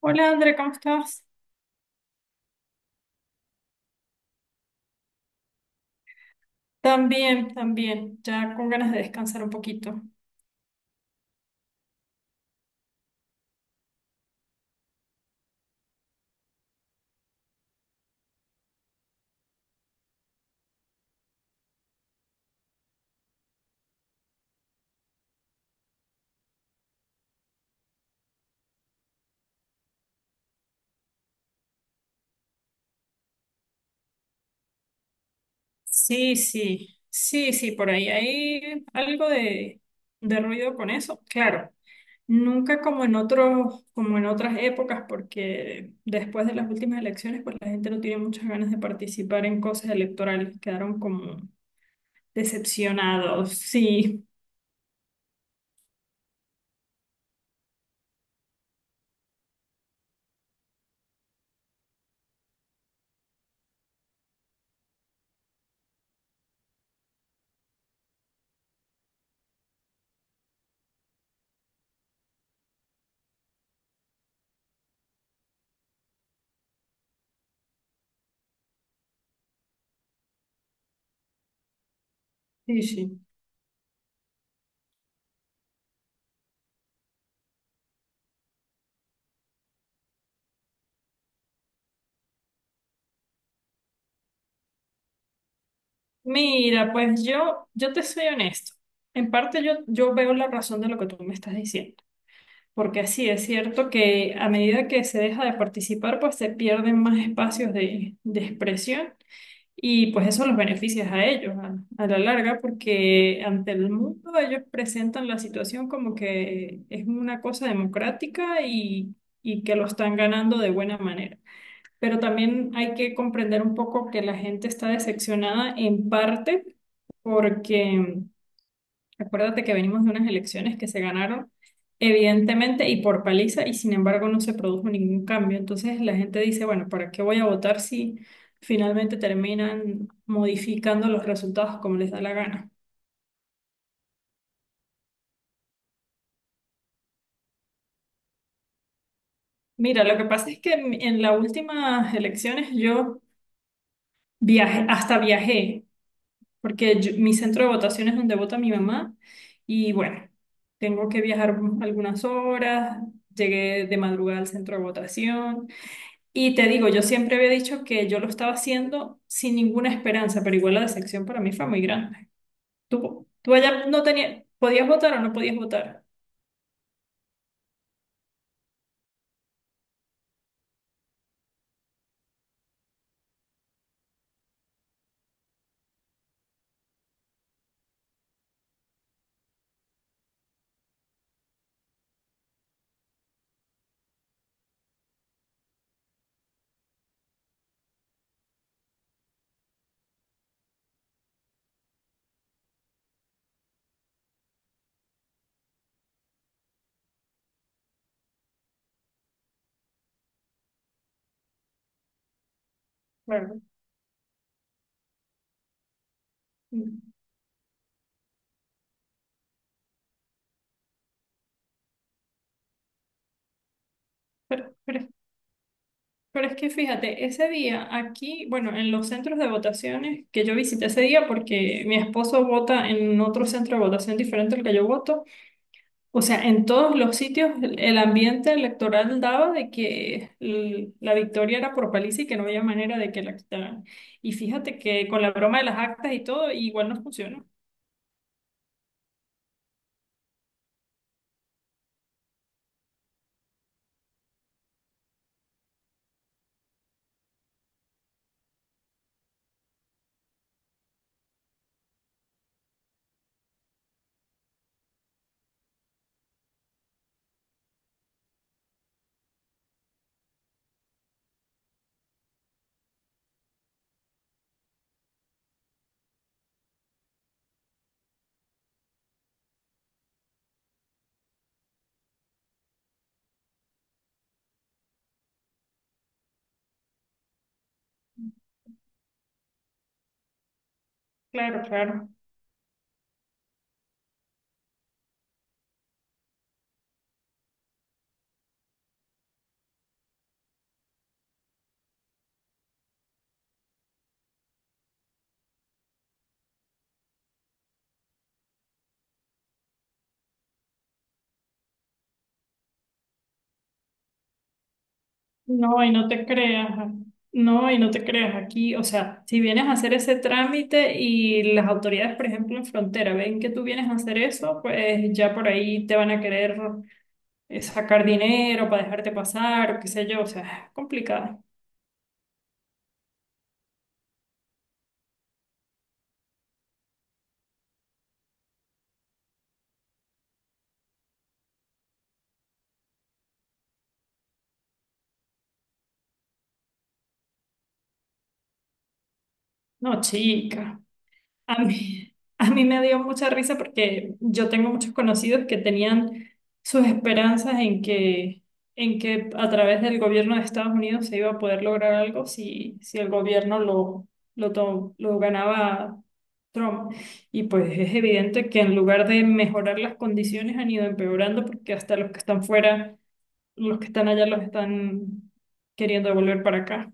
Hola André, ¿cómo estás? También, también, ya con ganas de descansar un poquito. Sí, sí, sí, sí, por ahí hay algo de ruido con eso. Claro, nunca como en otros, como en otras épocas, porque después de las últimas elecciones, pues la gente no tiene muchas ganas de participar en cosas electorales, quedaron como decepcionados. Sí, sí, sí. Mira, pues yo te soy honesto. En parte yo veo la razón de lo que tú me estás diciendo. Porque sí, es cierto que a medida que se deja de participar, pues se pierden más espacios de expresión y pues eso los beneficia a ellos a la larga, porque ante el mundo ellos presentan la situación como que es una cosa democrática y que lo están ganando de buena manera. Pero también hay que comprender un poco que la gente está decepcionada en parte porque... Acuérdate que venimos de unas elecciones que se ganaron evidentemente y por paliza, y sin embargo no se produjo ningún cambio. Entonces la gente dice, bueno, ¿para qué voy a votar si finalmente terminan modificando los resultados como les da la gana? Mira, lo que pasa es que en las últimas elecciones yo viajé, hasta viajé, porque mi centro de votación es donde vota mi mamá y bueno, tengo que viajar algunas horas, llegué de madrugada al centro de votación. Y te digo, yo siempre había dicho que yo lo estaba haciendo sin ninguna esperanza, pero igual la decepción para mí fue muy grande. Tú allá no tenías, ¿podías votar o no podías votar? Claro. Mm, Pero, pero es que fíjate, ese día aquí, bueno, en los centros de votaciones que yo visité ese día, porque mi esposo vota en otro centro de votación diferente al que yo voto. O sea, en todos los sitios el ambiente electoral daba de que la victoria era por paliza y que no había manera de que la quitaran. Y fíjate que con la broma de las actas y todo, igual no funcionó. Claro, claro. No, y no te creas. No, y no te creas aquí. O sea, si vienes a hacer ese trámite y las autoridades, por ejemplo, en frontera, ven que tú vienes a hacer eso, pues ya por ahí te van a querer sacar dinero para dejarte pasar, o qué sé yo. O sea, es complicado. No, chica. A mí me dio mucha risa porque yo tengo muchos conocidos que tenían sus esperanzas en que a través del gobierno de Estados Unidos se iba a poder lograr algo si, si el gobierno lo ganaba Trump. Y pues es evidente que en lugar de mejorar las condiciones han ido empeorando porque hasta los que están fuera, los que están allá los están queriendo devolver para acá.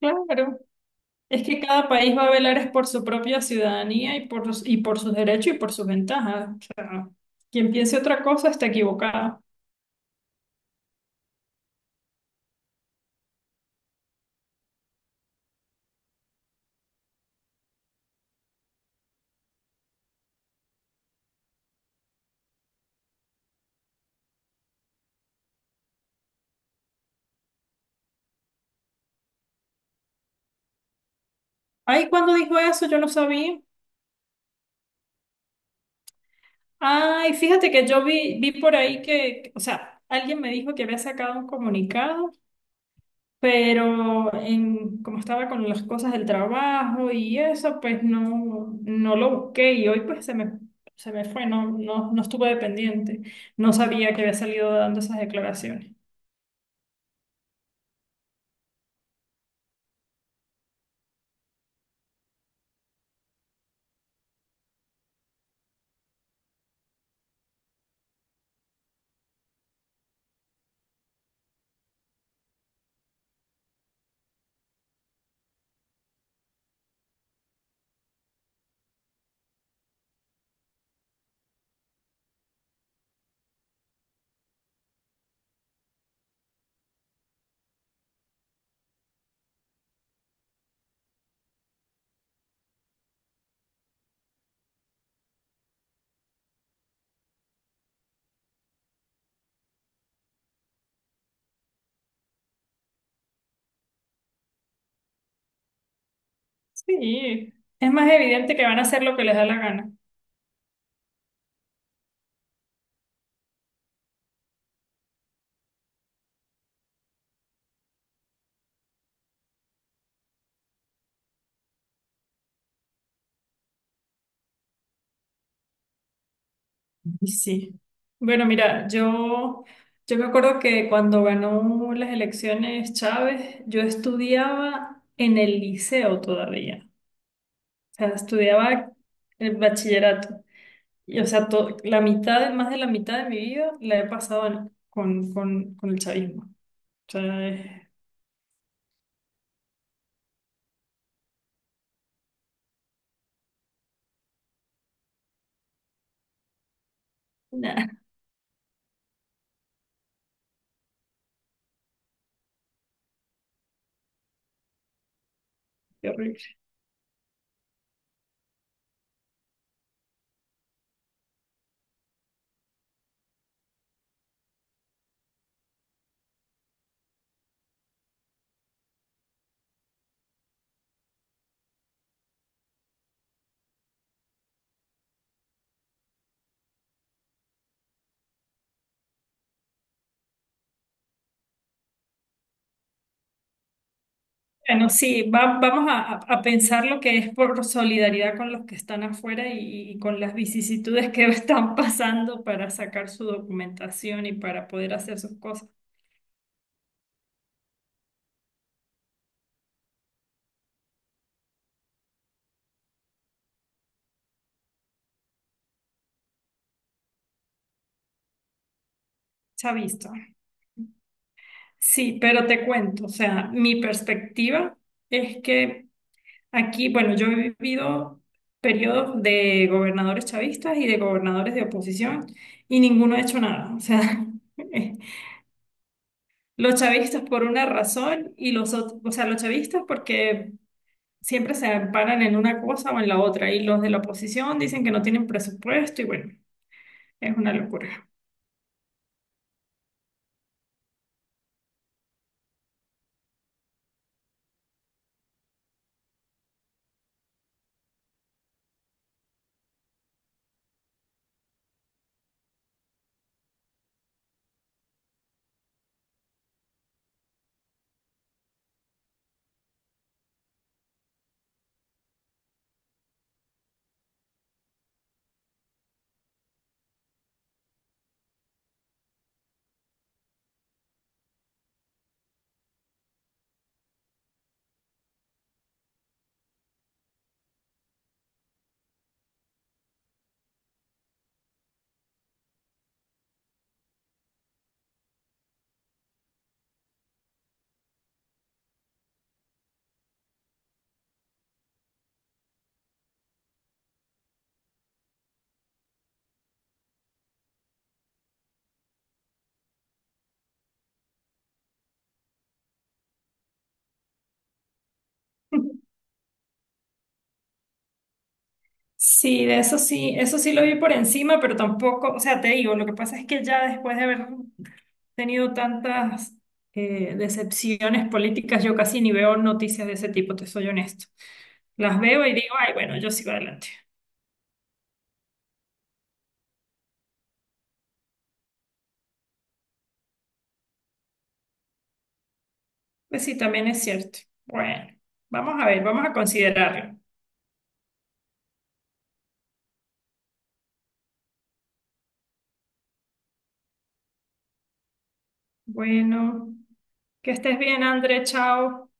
Claro. Es que cada país va a velar es por su propia ciudadanía y por, y por sus derechos y por sus ventajas. O sea, quien piense otra cosa está equivocado. Ay, ¿cuando dijo eso? Yo no sabía. Ay, fíjate que yo vi por ahí que, o sea, alguien me dijo que había sacado un comunicado, pero en, como estaba con las cosas del trabajo y eso, pues no, no lo busqué y hoy pues se me fue, no, no, no estuve pendiente. No sabía que había salido dando esas declaraciones. Sí, es más evidente que van a hacer lo que les da la gana. Y sí. Bueno, mira, yo me acuerdo que cuando ganó las elecciones Chávez, yo estudiaba en el liceo todavía. O sea, estudiaba el bachillerato. Y, o sea, la mitad, más de la mitad de mi vida la he pasado con, con el chavismo. O sea, es, nah, qué horrible. Bueno, sí, vamos a, a pensar lo que es por solidaridad con los que están afuera y con las vicisitudes que están pasando para sacar su documentación y para poder hacer sus cosas. Se ha visto. Sí, pero te cuento, o sea, mi perspectiva es que aquí, bueno, yo he vivido periodos de gobernadores chavistas y de gobernadores de oposición y ninguno ha hecho nada. O sea, los chavistas por una razón y los otros, o sea, los chavistas porque siempre se amparan en una cosa o en la otra. Y los de la oposición dicen que no tienen presupuesto y bueno, es una locura. Sí, de eso sí lo vi por encima, pero tampoco, o sea, te digo, lo que pasa es que ya después de haber tenido tantas decepciones políticas, yo casi ni veo noticias de ese tipo, te soy honesto. Las veo y digo, ay, bueno, yo sigo adelante. Pues sí, también es cierto. Bueno, vamos a ver, vamos a considerarlo. Bueno, que estés bien, André, chao.